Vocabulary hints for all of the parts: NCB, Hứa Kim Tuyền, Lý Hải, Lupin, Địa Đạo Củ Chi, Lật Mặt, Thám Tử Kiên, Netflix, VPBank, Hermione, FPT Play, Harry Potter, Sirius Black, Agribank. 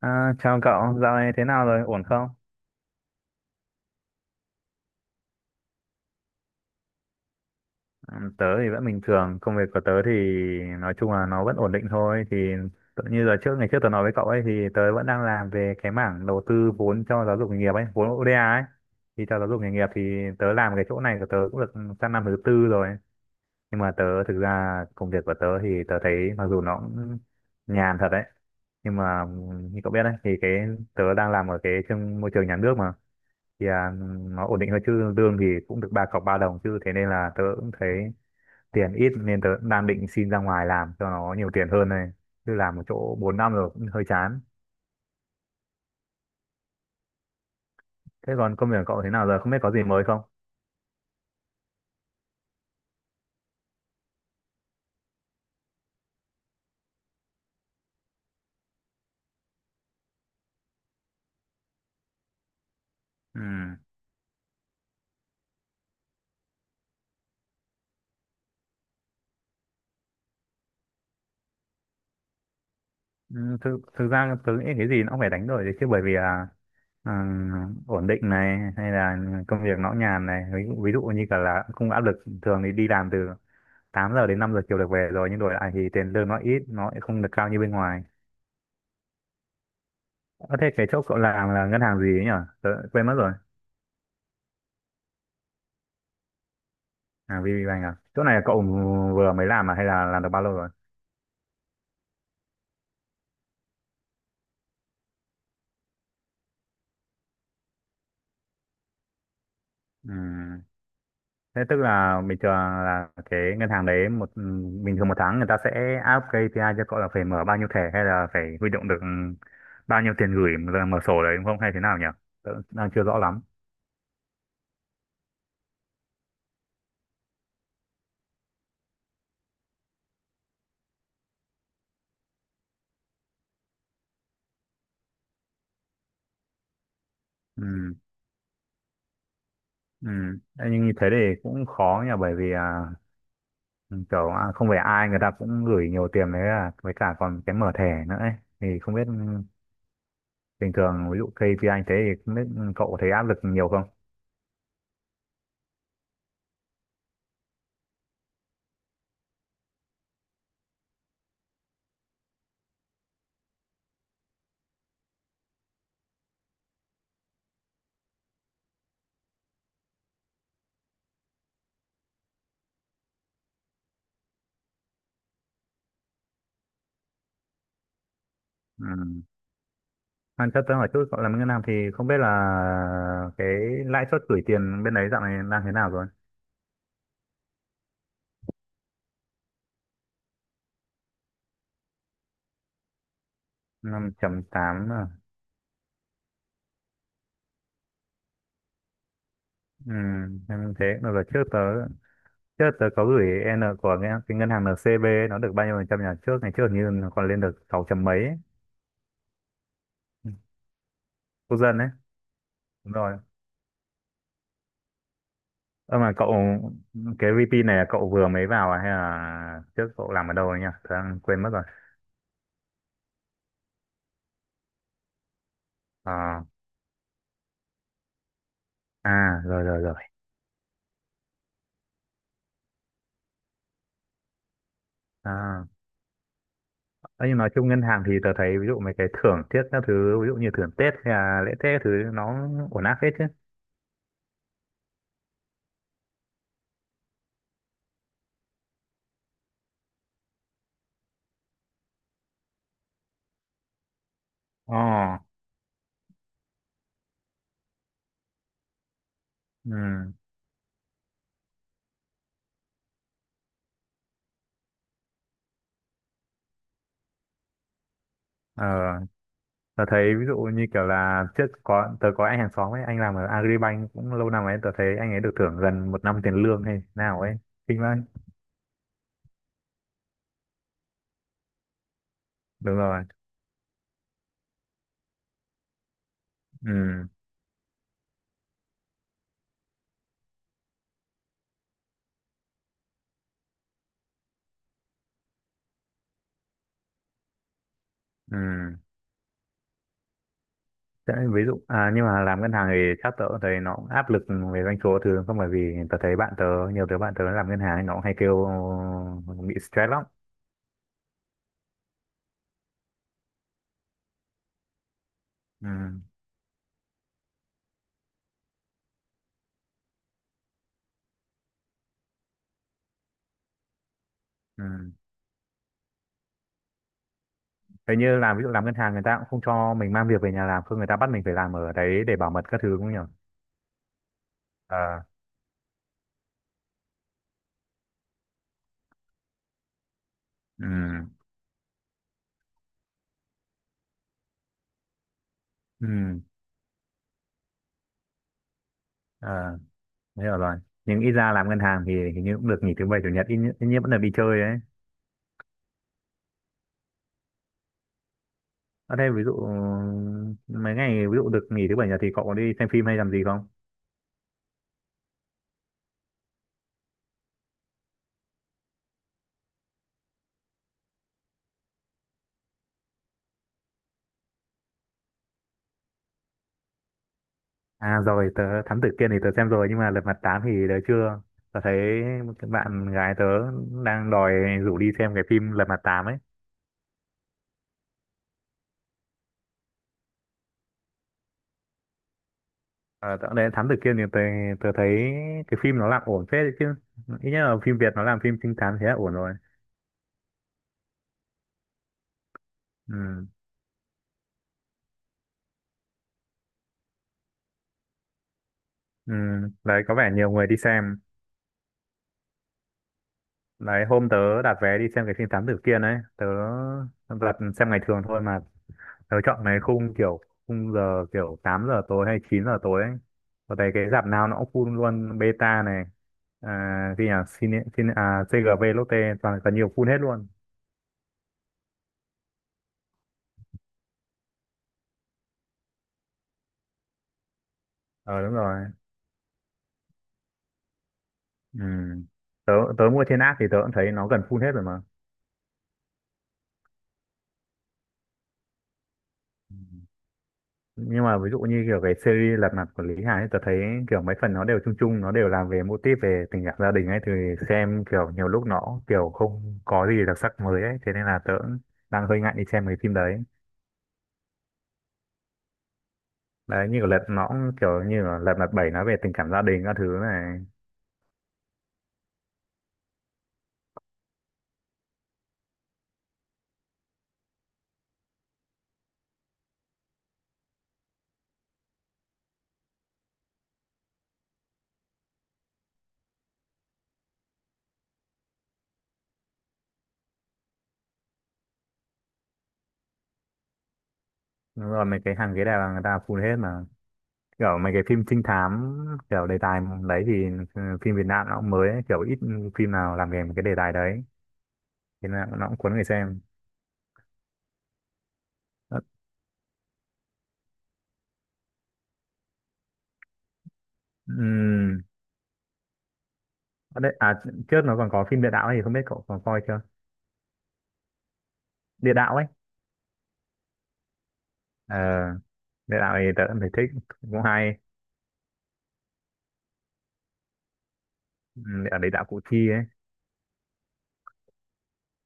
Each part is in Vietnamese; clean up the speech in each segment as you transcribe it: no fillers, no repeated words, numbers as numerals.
À, chào cậu, dạo này thế nào rồi, ổn không? Ừ, tớ thì vẫn bình thường, công việc của tớ thì nói chung là nó vẫn ổn định thôi. Thì tự như giờ trước, ngày trước tớ nói với cậu ấy thì tớ vẫn đang làm về cái mảng đầu tư vốn cho giáo dục nghề nghiệp ấy, vốn ODA ấy. Thì cho giáo dục nghề nghiệp thì tớ làm cái chỗ này của tớ cũng được sang năm thứ tư rồi. Nhưng mà tớ thực ra công việc của tớ thì tớ thấy mặc dù nó cũng nhàn thật đấy. Nhưng mà như cậu biết đấy thì cái tớ đang làm ở cái trong môi trường nhà nước mà thì nó ổn định hơn chứ lương thì cũng được ba cọc ba đồng chứ thế nên là tớ cũng thấy tiền ít nên tớ cũng đang định xin ra ngoài làm cho nó nhiều tiền hơn này chứ làm một chỗ 4 năm rồi cũng hơi chán. Thế còn công việc của cậu thế nào rồi, không biết có gì mới không? Ừ. Ừ, thực ra tớ nghĩ cái gì nó cũng phải đánh đổi đấy chứ bởi vì là ừ, ổn định này hay là công việc nó nhàn này ví dụ như cả là không áp lực thường thì đi làm từ 8 giờ đến 5 giờ chiều được về rồi nhưng đổi lại thì tiền lương nó ít nó lại không được cao như bên ngoài. Ờ, thế cái chỗ cậu làm là ngân hàng gì ấy nhỉ? Tớ quên mất rồi. À, VPBank à? Chỗ này cậu vừa mới làm à hay là làm được bao lâu rồi? Ừm. Thế tức là bình thường là cái ngân hàng đấy một bình thường một tháng người ta sẽ áp KPI cho cậu là phải mở bao nhiêu thẻ hay là phải huy động được bao nhiêu tiền gửi rồi mở sổ đấy đúng không hay thế nào nhỉ? Tớ đang chưa rõ lắm. Ừm. Ừm. Thế nhưng như thế thì cũng khó nhỉ bởi vì kiểu không phải ai người ta cũng gửi nhiều tiền đấy à, với cả còn cái mở thẻ nữa ấy. Thì không biết bình thường ví dụ KPI anh thế thì không biết cậu thấy áp lực nhiều không? Ừ. Anh chắc tới hỏi chút cậu làm ngân hàng thì không biết là cái lãi suất gửi tiền bên đấy dạo này đang thế nào rồi? Năm chấm tám à? Ừ. Em thế mà giờ trước tớ có gửi của cái ngân hàng NCB ấy, nó được bao nhiêu phần trăm nhỉ trước ngày trước hình như nó còn lên được sáu chấm mấy ấy, quốc dân đấy. Đúng rồi. Ơ mà cậu cái VP này là cậu vừa mới vào à hay là trước cậu làm ở đâu ấy nhỉ? Tớ đang quên mất rồi. Ờ, à rồi rồi rồi. À. Đấy, nhưng nói chung ngân hàng thì tớ thấy ví dụ mấy cái thưởng tết, các thứ ví dụ như thưởng Tết hay là lễ Tết các thứ nó ổn áp hết chứ. Ồ. Ừ. Ờ, tớ thấy ví dụ như kiểu là trước có tớ có anh hàng xóm ấy, anh làm ở Agribank cũng lâu năm ấy, tớ thấy anh ấy được thưởng gần một năm tiền lương hay nào ấy, kinh vãi. Đúng rồi. Ừ. Ừ. Thế ví dụ nhưng mà làm ngân hàng thì chắc tớ cũng thấy nó cũng áp lực về doanh số thứ không bởi vì tớ thấy bạn tớ nhiều đứa bạn tớ làm ngân hàng ấy, nó cũng hay kêu bị stress lắm. Ừ. Ừ. Thế như làm ví dụ làm ngân hàng người ta cũng không cho mình mang việc về nhà làm, không người ta bắt mình phải làm ở đấy để bảo mật các thứ cũng không nhỉ? Ờ. Ừ. Ừ. Ờ, thế hiểu rồi. Nhưng ít ra làm ngân hàng thì hình như cũng được nghỉ thứ bảy chủ nhật ít nhất vẫn là đi chơi đấy. Ở đây ví dụ mấy ngày ví dụ được nghỉ thứ bảy nhật thì cậu có đi xem phim hay làm gì không? À rồi, tớ Thám Tử Kiên thì tớ xem rồi nhưng mà Lật Mặt tám thì tớ chưa. Tớ thấy một cái bạn gái tớ đang đòi rủ đi xem cái phim Lật Mặt tám ấy. À, dạo này Thám Tử Kiên thì tôi thấy cái phim nó làm ổn phết đấy chứ. Ít nhất là phim Việt nó làm phim trinh thám thế là ổn rồi. Ừ. Ừ. Đấy có vẻ nhiều người đi xem. Đấy hôm tớ đặt vé đi xem cái phim Thám Tử Kiên ấy. Tớ đặt xem ngày thường thôi mà. Tớ chọn cái khung kiểu khung giờ kiểu 8 giờ tối hay 9 giờ tối ấy. Có thấy cái rạp nào nó cũng full luôn Beta này. À, cái nhà Cine, Cine, à, CGV Lotte toàn là nhiều full hết luôn. Ờ, đúng rồi. Ừ. Tớ, tớ mua trên app thì tớ cũng thấy nó gần full hết rồi mà. Ừ. Nhưng mà ví dụ như kiểu cái series Lật Mặt của Lý Hải ấy, tớ thấy kiểu mấy phần nó đều chung chung, nó đều làm về mô típ về tình cảm gia đình ấy thì xem kiểu nhiều lúc nó kiểu không có gì đặc sắc mới ấy, thế nên là tớ cũng đang hơi ngại đi xem cái phim đấy. Đấy như kiểu Lật nó cũng kiểu như là Lật Mặt bảy nó về tình cảm gia đình các thứ này. Rồi mấy cái hàng ghế đào là người ta full hết mà. Kiểu mấy cái phim trinh thám kiểu đề tài đấy thì phim Việt Nam nó cũng mới ấy, kiểu ít phim nào làm về một cái đề tài đấy thế nên là nó cũng cuốn người xem. Ờ. Ừm. Ở đấy, à trước nó còn có phim Địa Đạo ấy, thì không biết cậu còn coi chưa? Địa Đạo ấy. Ờ, Địa Đạo thì tớ cũng thấy thích, cũng hay. Ở Địa Đạo Củ Chi ấy.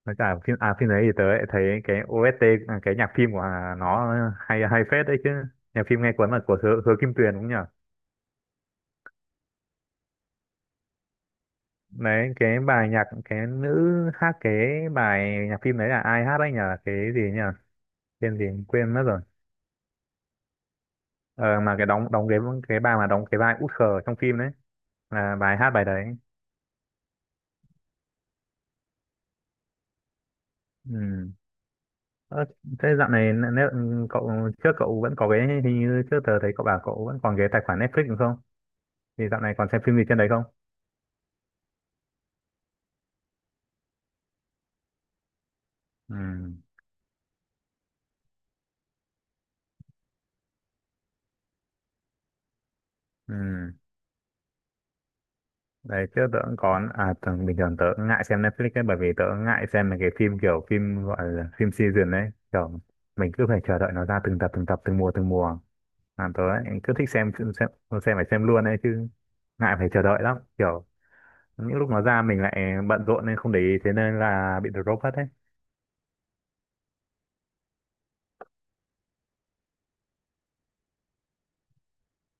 Với cả phim à phim đấy thì tớ lại thấy cái OST, à cái nhạc phim của nó hay hay phết đấy chứ. Nhạc phim nghe cuốn là của Hứa Kim Tuyền cũng nhỉ. Đấy cái bài nhạc cái nữ hát cái bài nhạc phim đấy là ai hát đấy nhờ cái gì nhỉ? Tên gì quên mất rồi. Ờ, mà cái đóng đóng cái bà mà đóng cái vai út khờ trong phim đấy là bài hát bài đấy. Ừ. Ờ, thế dạo này nếu cậu trước cậu vẫn có cái hình như trước tờ thấy cậu bảo cậu vẫn còn cái tài khoản Netflix đúng không thì dạo này còn xem phim gì trên đấy không? Ừ. Ừ. Đấy trước tớ cũng có à bình thường tớ cũng ngại xem Netflix ấy bởi vì tớ cũng ngại xem mấy cái phim kiểu phim gọi là phim season ấy kiểu mình cứ phải chờ đợi nó ra từng tập từng tập từng mùa à, tớ ấy, cứ thích xem phải xem luôn ấy chứ ngại phải chờ đợi lắm kiểu những lúc nó ra mình lại bận rộn nên không để ý thế nên là bị drop hết ấy.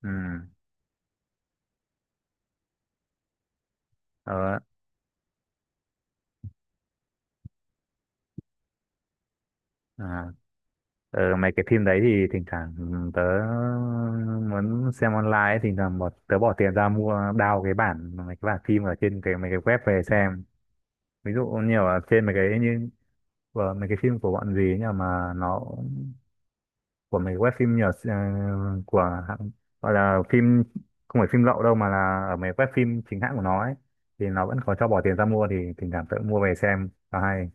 Ừ. Tớ. À. Ờ, mấy cái phim đấy thì thỉnh thoảng tớ muốn xem online ấy, thỉnh thoảng tớ bỏ tiền ra mua đao cái bản mấy cái bản phim ở trên cái mấy cái web về xem ví dụ như ở trên mấy cái như của mấy cái phim của bọn gì ấy nhỉ mà nó của mấy cái web phim nhờ của gọi là phim không phải phim lậu đâu mà là ở mấy web phim chính hãng của nó ấy thì nó vẫn có cho bỏ tiền ra mua thì thỉnh thoảng tớ mua về xem và hay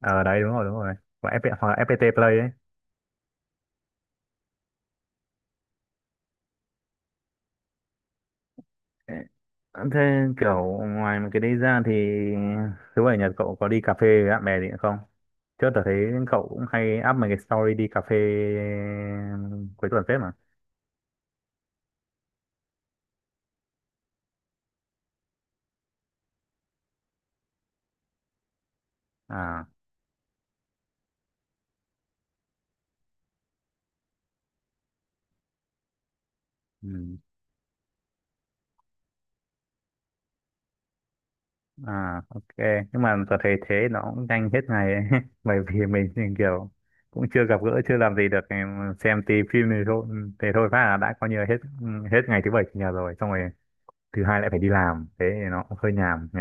ở đấy đúng rồi của FPT, hoặc là FPT Play ấy. Thế kiểu ngoài mấy cái đấy ra thì thứ bảy nhật cậu có đi cà phê với bạn bè gì nữa không? Trước tớ thấy cậu cũng hay up mấy cái story đi cà phê ừ, cuối tuần phết mà. À. Ừ. À, ok. Nhưng mà tớ thấy thế nó cũng nhanh hết ngày ấy. Bởi vì mình thì kiểu cũng chưa gặp gỡ, chưa làm gì được. Em xem tí phim thì thôi, thế thôi phát là đã coi như là hết hết ngày thứ bảy chủ nhật rồi. Xong rồi thứ hai lại phải đi làm. Thế thì nó cũng hơi nhàm nhỉ.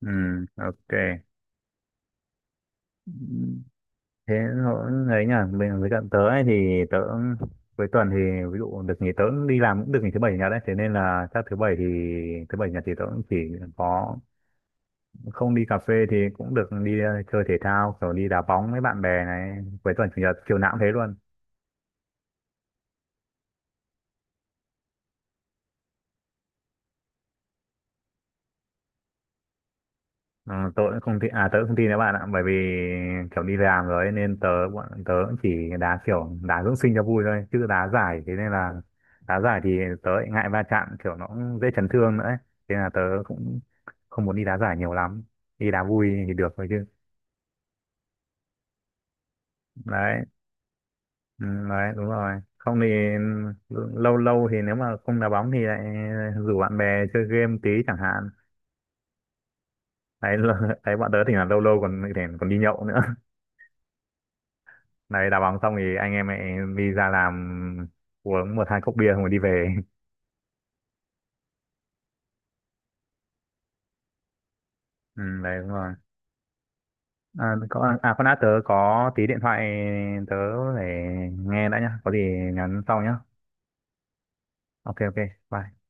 Ừ, ok. Thế nó ấy nhỉ mình với cận tớ ấy thì tớ cuối tuần thì ví dụ được nghỉ tớ cũng đi làm cũng được nghỉ thứ bảy chủ nhật đấy thế nên là chắc thứ bảy thì thứ bảy chủ nhật thì tớ cũng chỉ có không đi cà phê thì cũng được đi chơi thể thao kiểu đi đá bóng với bạn bè này cuối tuần chủ nhật chiều nào cũng thế luôn. Ờ, tớ cũng không tin đấy bạn ạ bởi vì kiểu đi làm rồi ấy, nên tớ bọn tớ cũng chỉ đá kiểu đá dưỡng sinh cho vui thôi chứ đá giải thế nên là đá giải thì tớ lại ngại va chạm kiểu nó cũng dễ chấn thương nữa ấy. Thế là tớ cũng không muốn đi đá giải nhiều lắm đi đá vui thì được thôi chứ đấy ừ, đấy đúng rồi không thì ừ, lâu lâu thì nếu mà không đá bóng thì lại rủ bạn bè chơi game tí chẳng hạn đấy. Đấy bọn tớ thì là lâu lâu còn còn đi nhậu nữa. Đấy, đá bóng xong thì anh em mẹ đi ra làm uống một hai cốc bia xong rồi đi về. Ừ, đấy đúng rồi. À, có, à con đã tớ có tí điện thoại tớ để nghe đã nhá. Có gì nhắn sau nhá. Ok ok. Bye.